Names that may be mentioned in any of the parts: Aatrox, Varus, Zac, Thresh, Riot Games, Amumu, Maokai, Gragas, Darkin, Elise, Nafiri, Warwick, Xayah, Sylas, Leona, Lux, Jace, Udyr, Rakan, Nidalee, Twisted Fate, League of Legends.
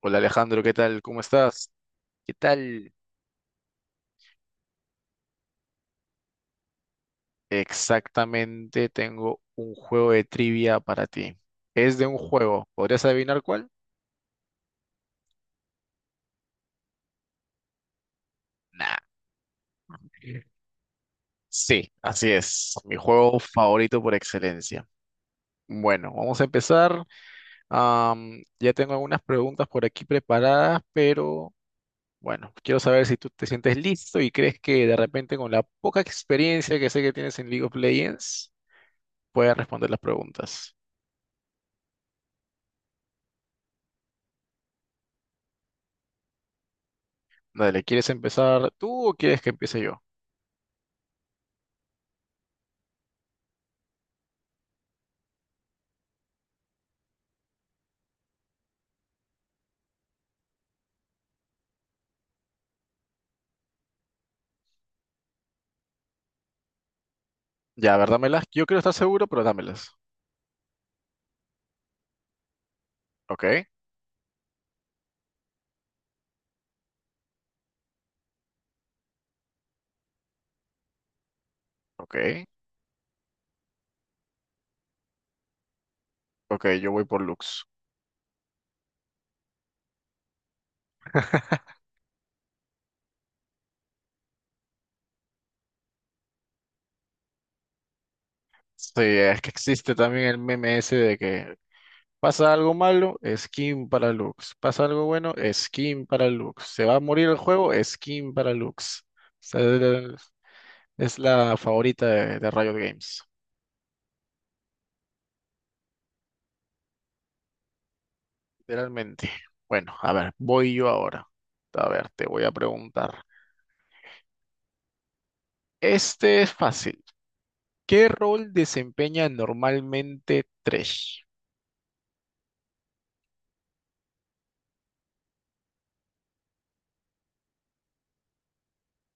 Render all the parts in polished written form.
Hola Alejandro, ¿qué tal? ¿Cómo estás? ¿Qué tal? Exactamente, tengo un juego de trivia para ti. Es de un juego. ¿Podrías adivinar cuál? Nah. Sí, así es. Mi juego favorito por excelencia. Bueno, vamos a empezar. Ya tengo algunas preguntas por aquí preparadas, pero bueno, quiero saber si tú te sientes listo y crees que de repente con la poca experiencia que sé que tienes en League of Legends, puedas responder las preguntas. Dale, ¿quieres empezar tú o quieres que empiece yo? Ya, a ver, dámelas. Yo quiero estar seguro, pero dámelas. Ok, ok, ok, yo voy por Lux. Sí, es que existe también el meme ese de que pasa algo malo, skin para Lux. Pasa algo bueno, skin para Lux. Se va a morir el juego, skin para Lux. O sea, es la favorita de Riot Games, literalmente. Bueno, a ver, voy yo ahora. A ver, te voy a preguntar. Este es fácil. ¿Qué rol desempeña normalmente Thresh?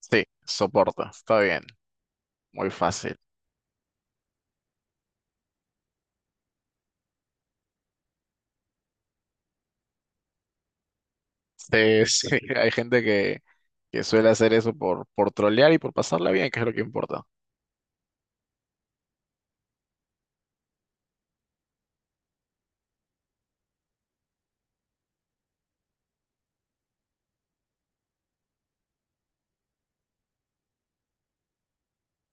Sí, soporta, está bien, muy fácil. Sí, sí, hay gente que suele hacer eso por trolear y por pasarla bien, que es lo que importa.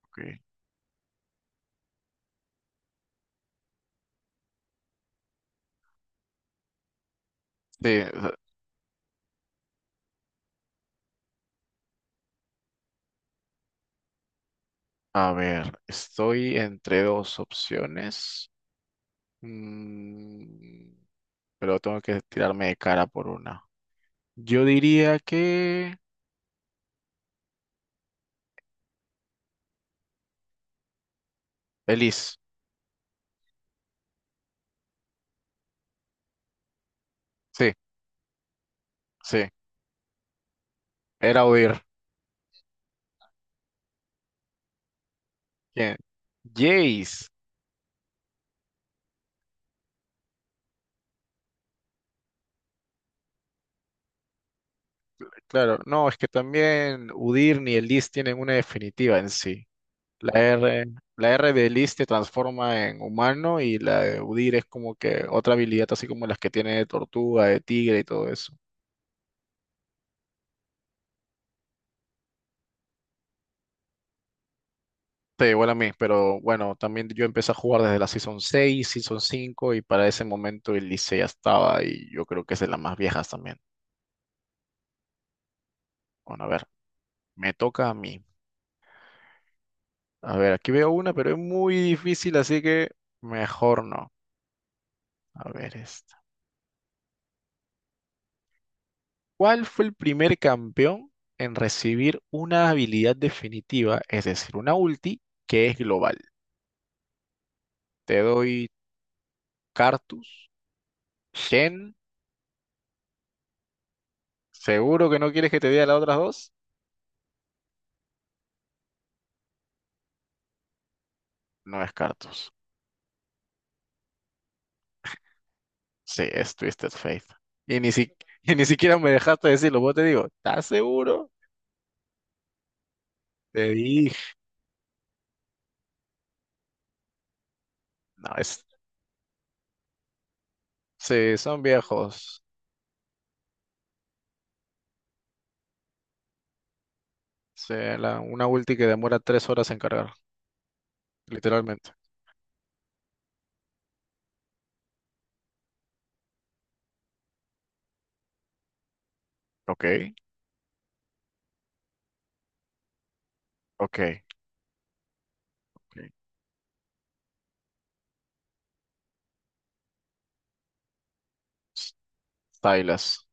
Ok. Sí, a ver, estoy entre dos opciones. Mm, pero tengo que tirarme de cara por una. Yo diría que Elise. Sí, sí, era oír. ¿Quién? Jace. Claro, no, es que también Udir ni el list tienen una definitiva en sí. La R, la R de list te transforma en humano y la de Udir es como que otra habilidad, así como las que tiene de tortuga, de tigre y todo eso. Sí, igual a mí, pero bueno, también yo empecé a jugar desde la Season 6, Season 5 y para ese momento el Licey ya estaba, y yo creo que es de las más viejas también. Bueno, a ver, me toca a mí. A ver, aquí veo una, pero es muy difícil, así que mejor no. A ver, ¿cuál fue el primer campeón en recibir una habilidad definitiva, es decir, una ulti que es global? Te doy Cartus, Shen. ¿Seguro que no quieres que te diga las otras dos? No es Cartus, sí, es Twisted Fate. Y ni, si- Y ni siquiera me dejaste decirlo, vos te digo, ¿estás seguro? Te dije, no, es, sí, son viejos. Sí, una ulti que demora 3 horas en cargar, literalmente. Ok, ok, ok. Stylas.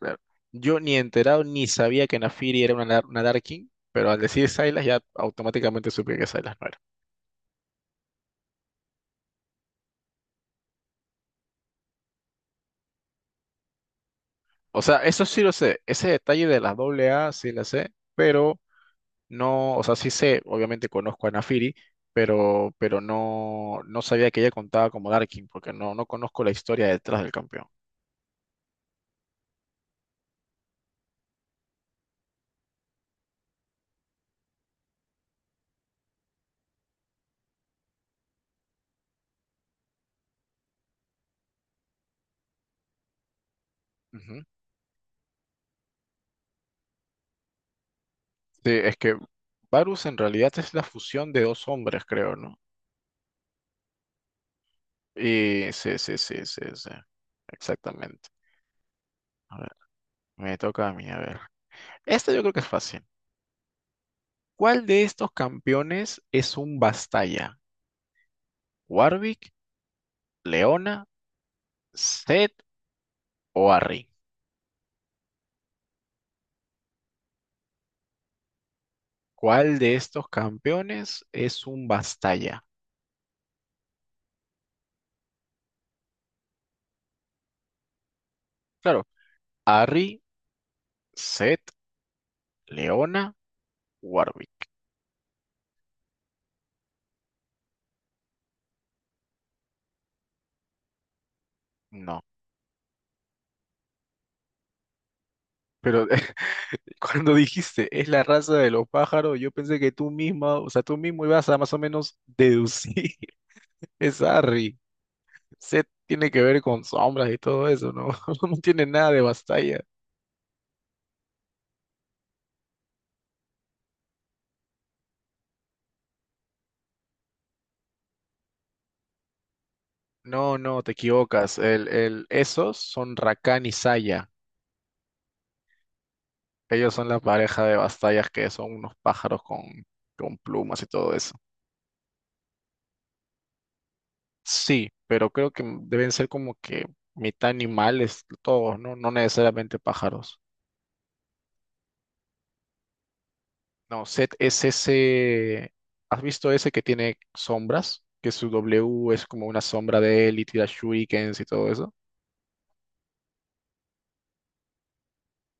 Claro. Yo ni enterado ni sabía que Nafiri era una Darkin, pero al decir Sylas ya automáticamente supe que Sylas no era. O sea, eso sí lo sé, ese detalle de las doble A sí la sé, pero no, o sea, sí sé, obviamente conozco a Nafiri, pero no, no, sabía que ella contaba como Darkin, porque no conozco la historia detrás del campeón. Ujú. Sí, es que Varus en realidad es la fusión de dos hombres, creo, ¿no? Y sí, sí, sí, sí, sí. Exactamente. A ver, me toca a mí, a ver. Esta yo creo que es fácil. ¿Cuál de estos campeones es un Bastaya? ¿Warwick, Leona, Seth o Arri? ¿Cuál de estos campeones es un Bastaya? Claro, Arri, Seth, Leona, Warwick. No, pero cuando dijiste es la raza de los pájaros, yo pensé que tú misma, o sea, tú mismo ibas a más o menos deducir es Arri. Seth tiene que ver con sombras y todo eso, ¿no? No tiene nada de Bastaya. No, no, te equivocas. Esos son Rakan y Saya. Ellos son la pareja de bastallas que son unos pájaros con plumas y todo eso. Sí, pero creo que deben ser como que mitad animales todos, ¿no? No necesariamente pájaros. No, Set es ese. ¿Has visto ese que tiene sombras? Que su W es como una sombra de él y tira shurikens y todo eso.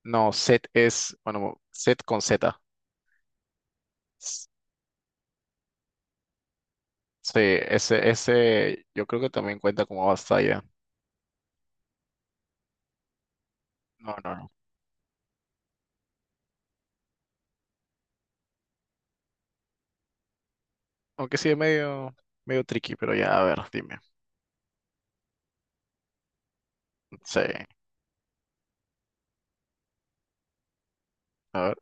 No, Set es. Bueno, Set con Z. S- Sí, ese yo creo que también cuenta como Bastaya. No, no, no. Aunque sí es medio tricky, pero ya, a ver, dime. Sí. A ver,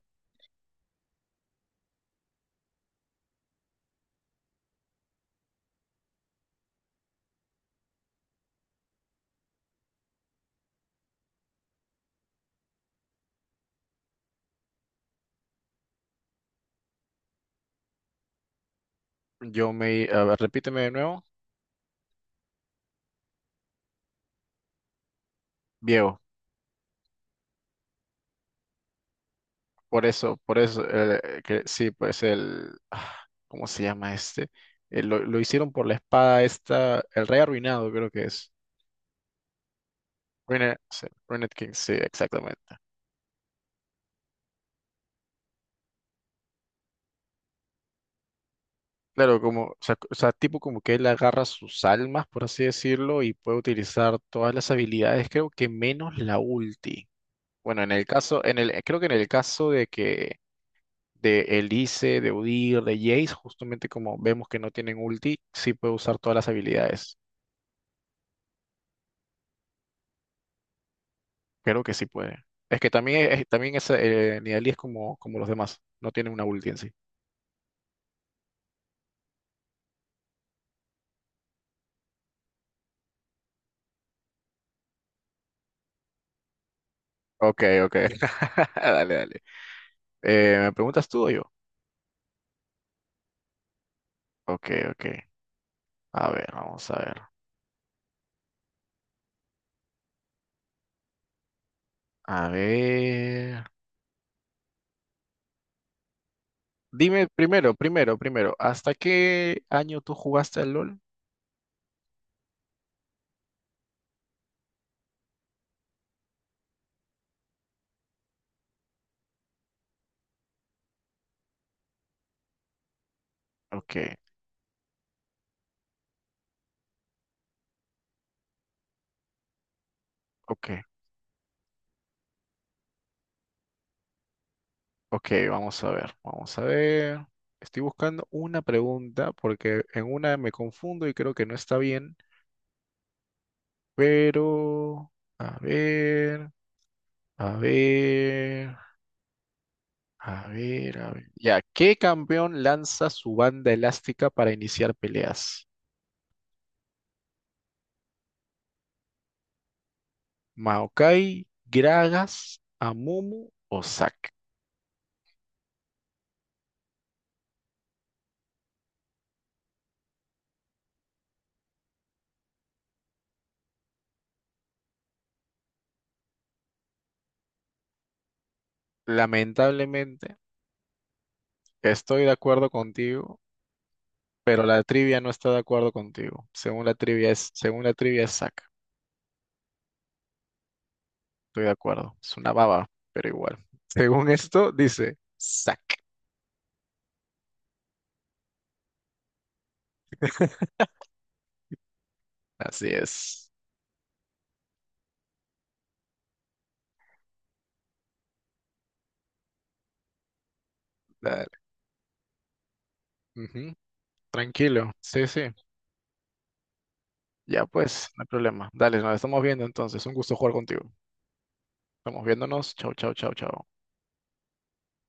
a ver, repíteme de nuevo. Viejo. Por eso, por eso. Que, sí, pues el, ah, ¿cómo se llama este? Lo hicieron por la espada esta. El rey arruinado, creo que es. Ruined, sí, Ruined King, sí, exactamente. Claro, como, o sea, tipo como que él agarra sus almas, por así decirlo, y puede utilizar todas las habilidades, creo que menos la ulti. Bueno, en el caso, en el, creo que en el caso de Elise, de Udyr, de Jace, justamente como vemos que no tienen ulti, sí puede usar todas las habilidades. Creo que sí puede. Es que también, también es, Nidalee es como los demás, no tiene una ulti en sí. Ok, ok. Dale, dale. ¿Me preguntas tú o yo? Ok, ok. A ver, vamos a ver. A ver. Dime primero, primero, primero, ¿hasta qué año tú jugaste al LOL? Ok, ok. Ok, vamos a ver, vamos a ver. Estoy buscando una pregunta porque en una me confundo y creo que no está bien, pero a ver, a ver, a ver, a ver. Ya, ¿qué campeón lanza su banda elástica para iniciar peleas? ¿Maokai, Gragas, Amumu o Zack? Lamentablemente, estoy de acuerdo contigo, pero la trivia no está de acuerdo contigo. Según la trivia es Zack. Estoy de acuerdo. Es una baba, pero igual. Según esto, dice sac. Así es. Dale. Ujú. Tranquilo. Sí, sí. Ya pues, no hay problema. Dale, nos estamos viendo entonces. Un gusto jugar contigo. Estamos viéndonos. Chau, chau, chau, chau.